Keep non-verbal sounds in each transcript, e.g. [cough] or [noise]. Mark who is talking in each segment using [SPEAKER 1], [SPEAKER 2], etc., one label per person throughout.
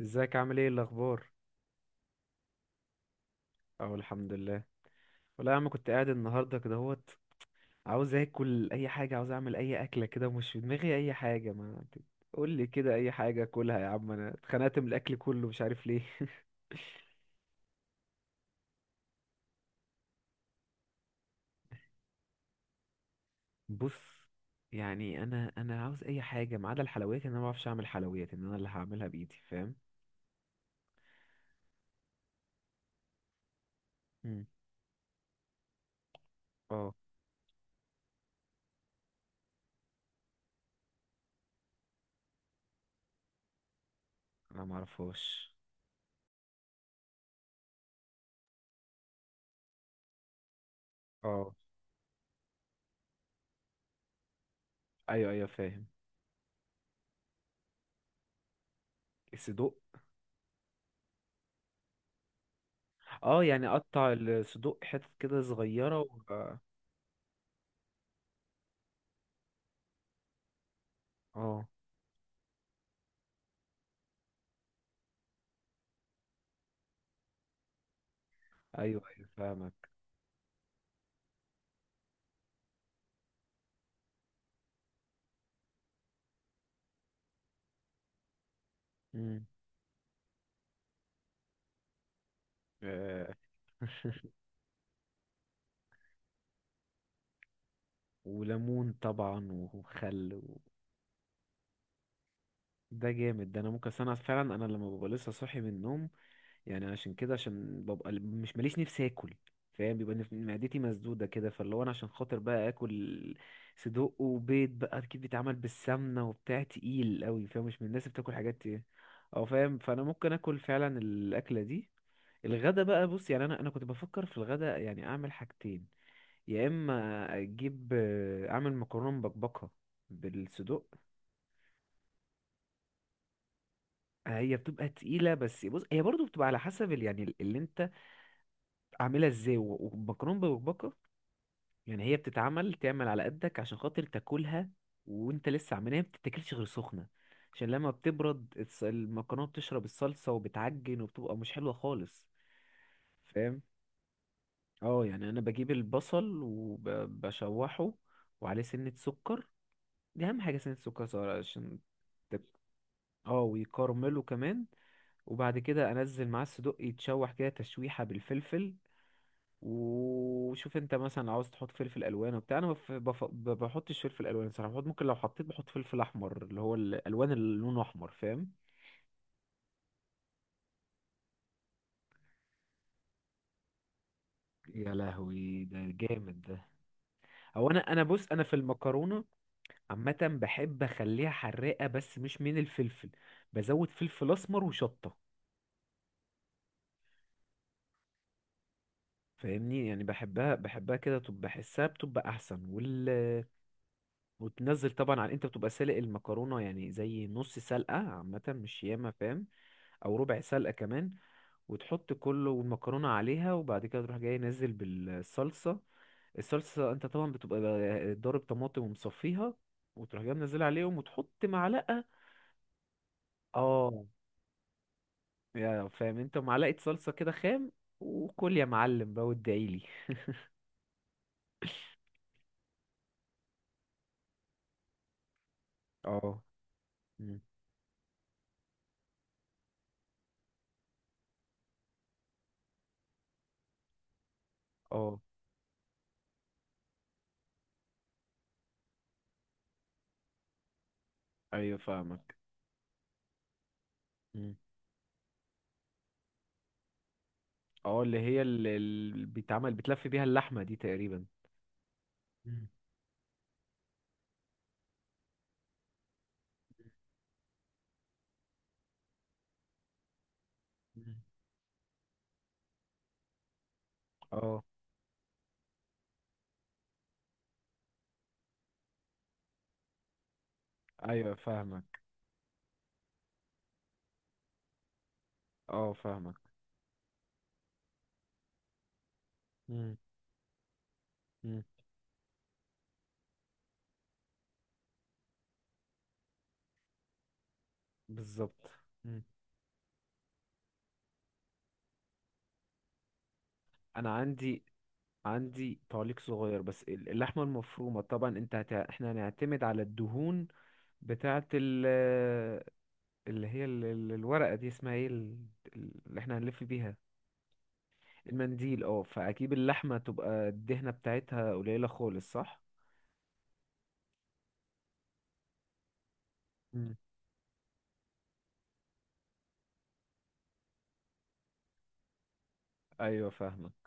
[SPEAKER 1] ازيك؟ عامل ايه؟ الاخبار؟ اهو الحمد لله. والله يا عم كنت قاعد النهارده كده اهوت، عاوز اكل اي حاجه، عاوز اعمل اي اكله كده ومش في دماغي اي حاجه. ما قول لي كده اي حاجه اكلها يا عم، انا اتخنقت من الاكل كله مش عارف ليه. [laughs] بص، يعني انا عاوز اي حاجه ما عدا الحلويات، ان انا ما بعرفش اعمل حلويات، ان انا اللي هعملها بايدي. فاهم؟ مم. اه انا ما اعرفهاش. اه ايوه ايوه فاهم. الصدوق؟ اه يعني اقطع الصدوق حتت كده صغيره. اه ايوه ايوه فاهمك. مم. آه، [laughs] وليمون طبعا وخل. ده جامد ده، انا ممكن أصل انا فعلا انا لما ببقى لسه صاحي من النوم، يعني عشان كده عشان ببقى مش ماليش نفسي اكل. فاهم؟ بيبقى معدتي مسدوده كده، فاللي هو انا عشان خاطر بقى اكل صدوق وبيض بقى اكيد بيتعمل بالسمنه وبتاع تقيل قوي. فاهم؟ مش من الناس اللي بتاكل حاجات ايه او فاهم، فانا ممكن اكل فعلا الاكله دي. الغدا بقى، بص يعني انا كنت بفكر في الغدا يعني اعمل حاجتين، يا اما اجيب اعمل مكرونه مبكبكه بالصدوق. هي بتبقى تقيله بس بص، هي برضو بتبقى على حسب اللي انت عاملها ازاي والمكرونه مبكبكه، يعني هي تعمل على قدك عشان خاطر تاكلها. وانت لسه عاملها ما بتتاكلش غير سخنه، عشان لما بتبرد المكرونه بتشرب الصلصه وبتعجن وبتبقى مش حلوه خالص. فاهم؟ اه يعني انا بجيب البصل وبشوحه وعليه سنة سكر. دي اهم حاجه سنه السكر صغيره عشان تك- اه ويكرمله كمان. وبعد كده انزل معاه الصدوق يتشوح كده تشويحه بالفلفل. وشوف انت مثلا لو عاوز تحط فلفل الوان وبتاع، انا بحطش فلفل الوان صراحه، بحط ممكن لو حطيت بحط فلفل احمر اللي هو الالوان اللي لونه احمر. فاهم؟ يا لهوي ده، جامد ده. او انا بص، انا في المكرونه عامه بحب اخليها حراقه بس مش من الفلفل، بزود فلفل اسمر وشطه. فاهمني؟ يعني بحبها كده، طب بحسها بتبقى احسن. وتنزل طبعا على، انت بتبقى سالق المكرونه يعني زي نص سلقه عامه مش ياما. فاهم؟ او ربع سلقه كمان، وتحط كله والمكرونه عليها، وبعد كده تروح جاي نازل بالصلصه. الصلصه انت طبعا بتبقى ضارب طماطم ومصفيها، وتروح جاي منزل عليهم وتحط معلقه. اه يا فاهم انت، معلقه صلصه كده خام، وكل يا معلم بقى وادعيلي. اه. مم. اه ايوه فاهمك. مم. اه اللي هي اللي بيتعمل بتلف بيها اللحمة دي تقريبا. مم. مم. اه ايوه فاهمك. اه فاهمك. مم. مم. بالظبط. مم. انا عندي، عندي تعليق صغير بس، اللحمه المفرومه طبعا انت احنا هنعتمد على الدهون بتاعه اللي هي الورقه دي اسمها ايه، اللي احنا هنلف بيها. المنديل اه، فاكيد اللحمه تبقى الدهنه بتاعتها قليله خالص، صح؟ مم. ايوه فاهمك.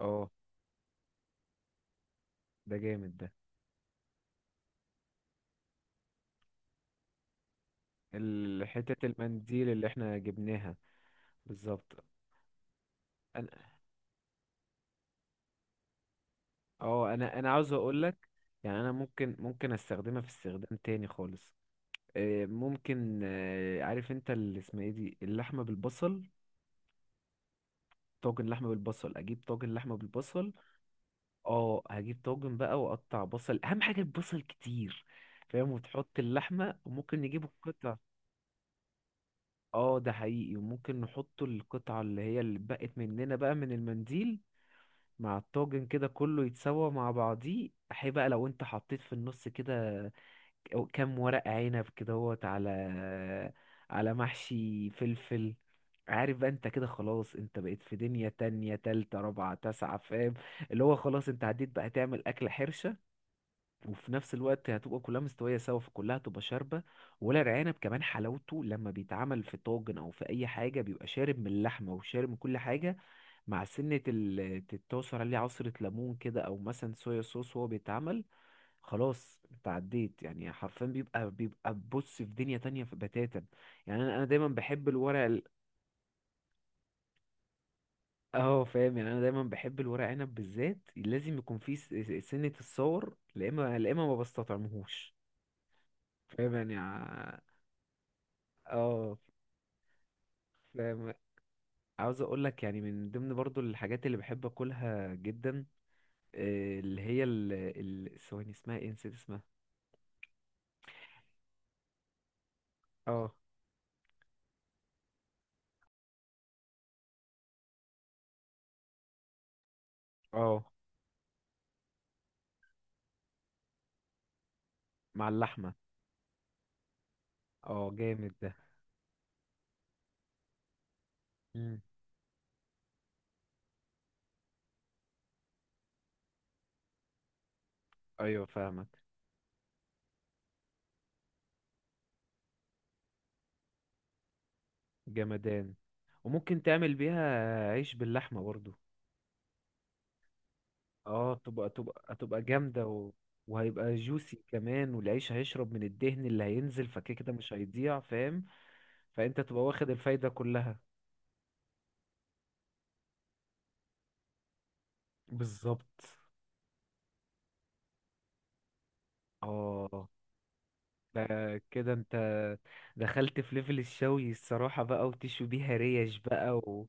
[SPEAKER 1] اه ده جامد ده. الحتة المنديل اللي احنا جبناها. بالظبط. انا، اه، انا عاوز اقول لك يعني، انا ممكن استخدمها في استخدام تاني خالص. ممكن، عارف انت اللي اسمها ايه دي، اللحمة بالبصل، طاجن لحمة بالبصل، اجيب طاجن لحمة بالبصل. اه هجيب طاجن بقى واقطع بصل، اهم حاجة البصل كتير. فاهم؟ وتحط اللحمة وممكن نجيب القطع. اه ده حقيقي، وممكن نحط القطعة اللي هي اللي بقت مننا بقى من المنديل مع الطاجن كده كله، يتسوى مع بعضيه. احي بقى لو انت حطيت في النص كده أو كام ورق عنب كده هوت على، على محشي فلفل. عارف بقى؟ انت كده خلاص انت بقيت في دنيا تانية تالتة رابعة تاسعة. فاهم؟ اللي هو خلاص انت عديت بقى، هتعمل أكلة حرشة وفي نفس الوقت هتبقى كلها مستوية سوا، فكلها هتبقى شاربة. ولا العنب كمان حلاوته لما بيتعمل في طاجن أو في أي حاجة بيبقى شارب من اللحمة وشارب من كل حاجة، مع سنة تتعصر عليه عصرة ليمون كده أو مثلا صويا صوص وهو بيتعمل. خلاص انت عديت يعني حرفيا، بيبقى بص في دنيا تانية في بتاتا. يعني أنا دايما بحب الورق. اه فاهم؟ يعني أنا دايما بحب الورق عنب بالذات لازم يكون فيه سنة الصور، لا إما لا إما ما بستطعمهوش. فاهم يعني اه فاهم. عاوز اقول لك يعني من ضمن برضو الحاجات اللي بحب اكلها جدا، اللي هي ثواني اسمها ايه، نسيت اسمها. اه. اه مع اللحمة. اه جامد ده. مم. ايوه فاهمك. جمدان. وممكن تعمل بيها عيش باللحمة برضو. اه تبقى جامدة، وهيبقى جوسي كمان، والعيش هيشرب من الدهن اللي هينزل، فكده كده مش هيضيع. فاهم؟ فانت تبقى واخد الفايدة كلها. بالظبط. اه ده كده انت دخلت في ليفل الشوي الصراحة بقى، وتشوي بيها ريش بقى و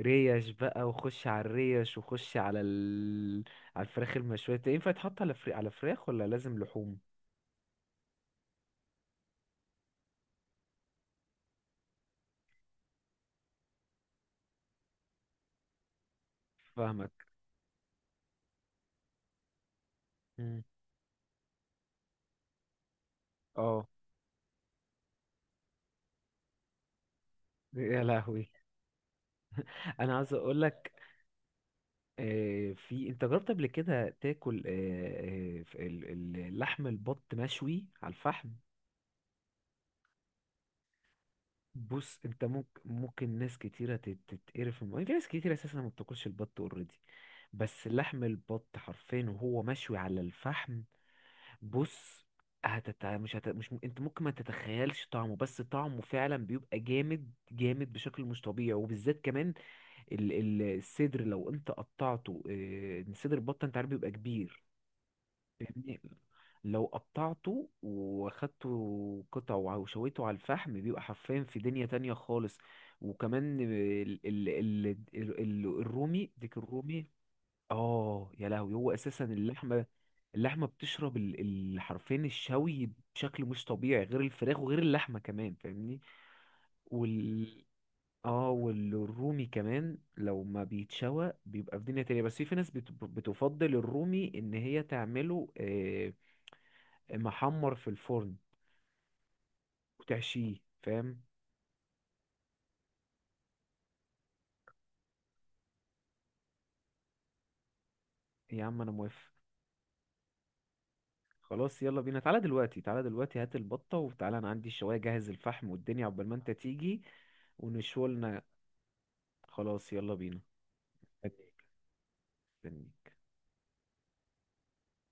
[SPEAKER 1] ريش بقى، وخش على الريش وخش على على الفراخ المشوية. انت ينفع يتحط على على فراخ ولا لازم لحوم؟ فاهمك. مم. اه يا لهوي. انا عايز اقول لك، في انت جربت قبل كده تاكل اللحم البط مشوي على الفحم؟ بص انت ممكن، ناس كتيرة تتقرف في ناس كتيرة اساسا ما بتاكلش البط اوريدي، بس لحم البط حرفيا وهو مشوي على الفحم، بص، هتت... مش هت... مش م- انت ممكن ما تتخيلش طعمه، بس طعمه فعلا بيبقى جامد جامد بشكل مش طبيعي، وبالذات كمان الصدر لو انت قطعته، اه، صدر البط انت عارف بيبقى كبير. فاهمني؟ لو قطعته واخدته قطع وشويته على الفحم بيبقى حرفيا في دنيا تانية خالص. وكمان ال ال ال ال ال الرومي، ديك الرومي. اه يا لهوي، هو اساسا اللحمه، اللحمه حرفيا الشوي بشكل مش طبيعي، غير الفراخ وغير اللحمه كمان. فاهمني؟ وال اه والرومي كمان لو ما بيتشوى بيبقى في دنيا تانية، بس في ناس بتفضل الرومي ان هي تعمله، محمر في الفرن وتحشيه. فاهم؟ يا عم انا موافق. خلاص يلا بينا، تعالى دلوقتي، تعالى دلوقتي هات البطة وتعالى، انا عندي الشواية، جهز الفحم والدنيا عقبال ما انت تيجي ونشولنا. خلاص يلا بينا. مستنيك.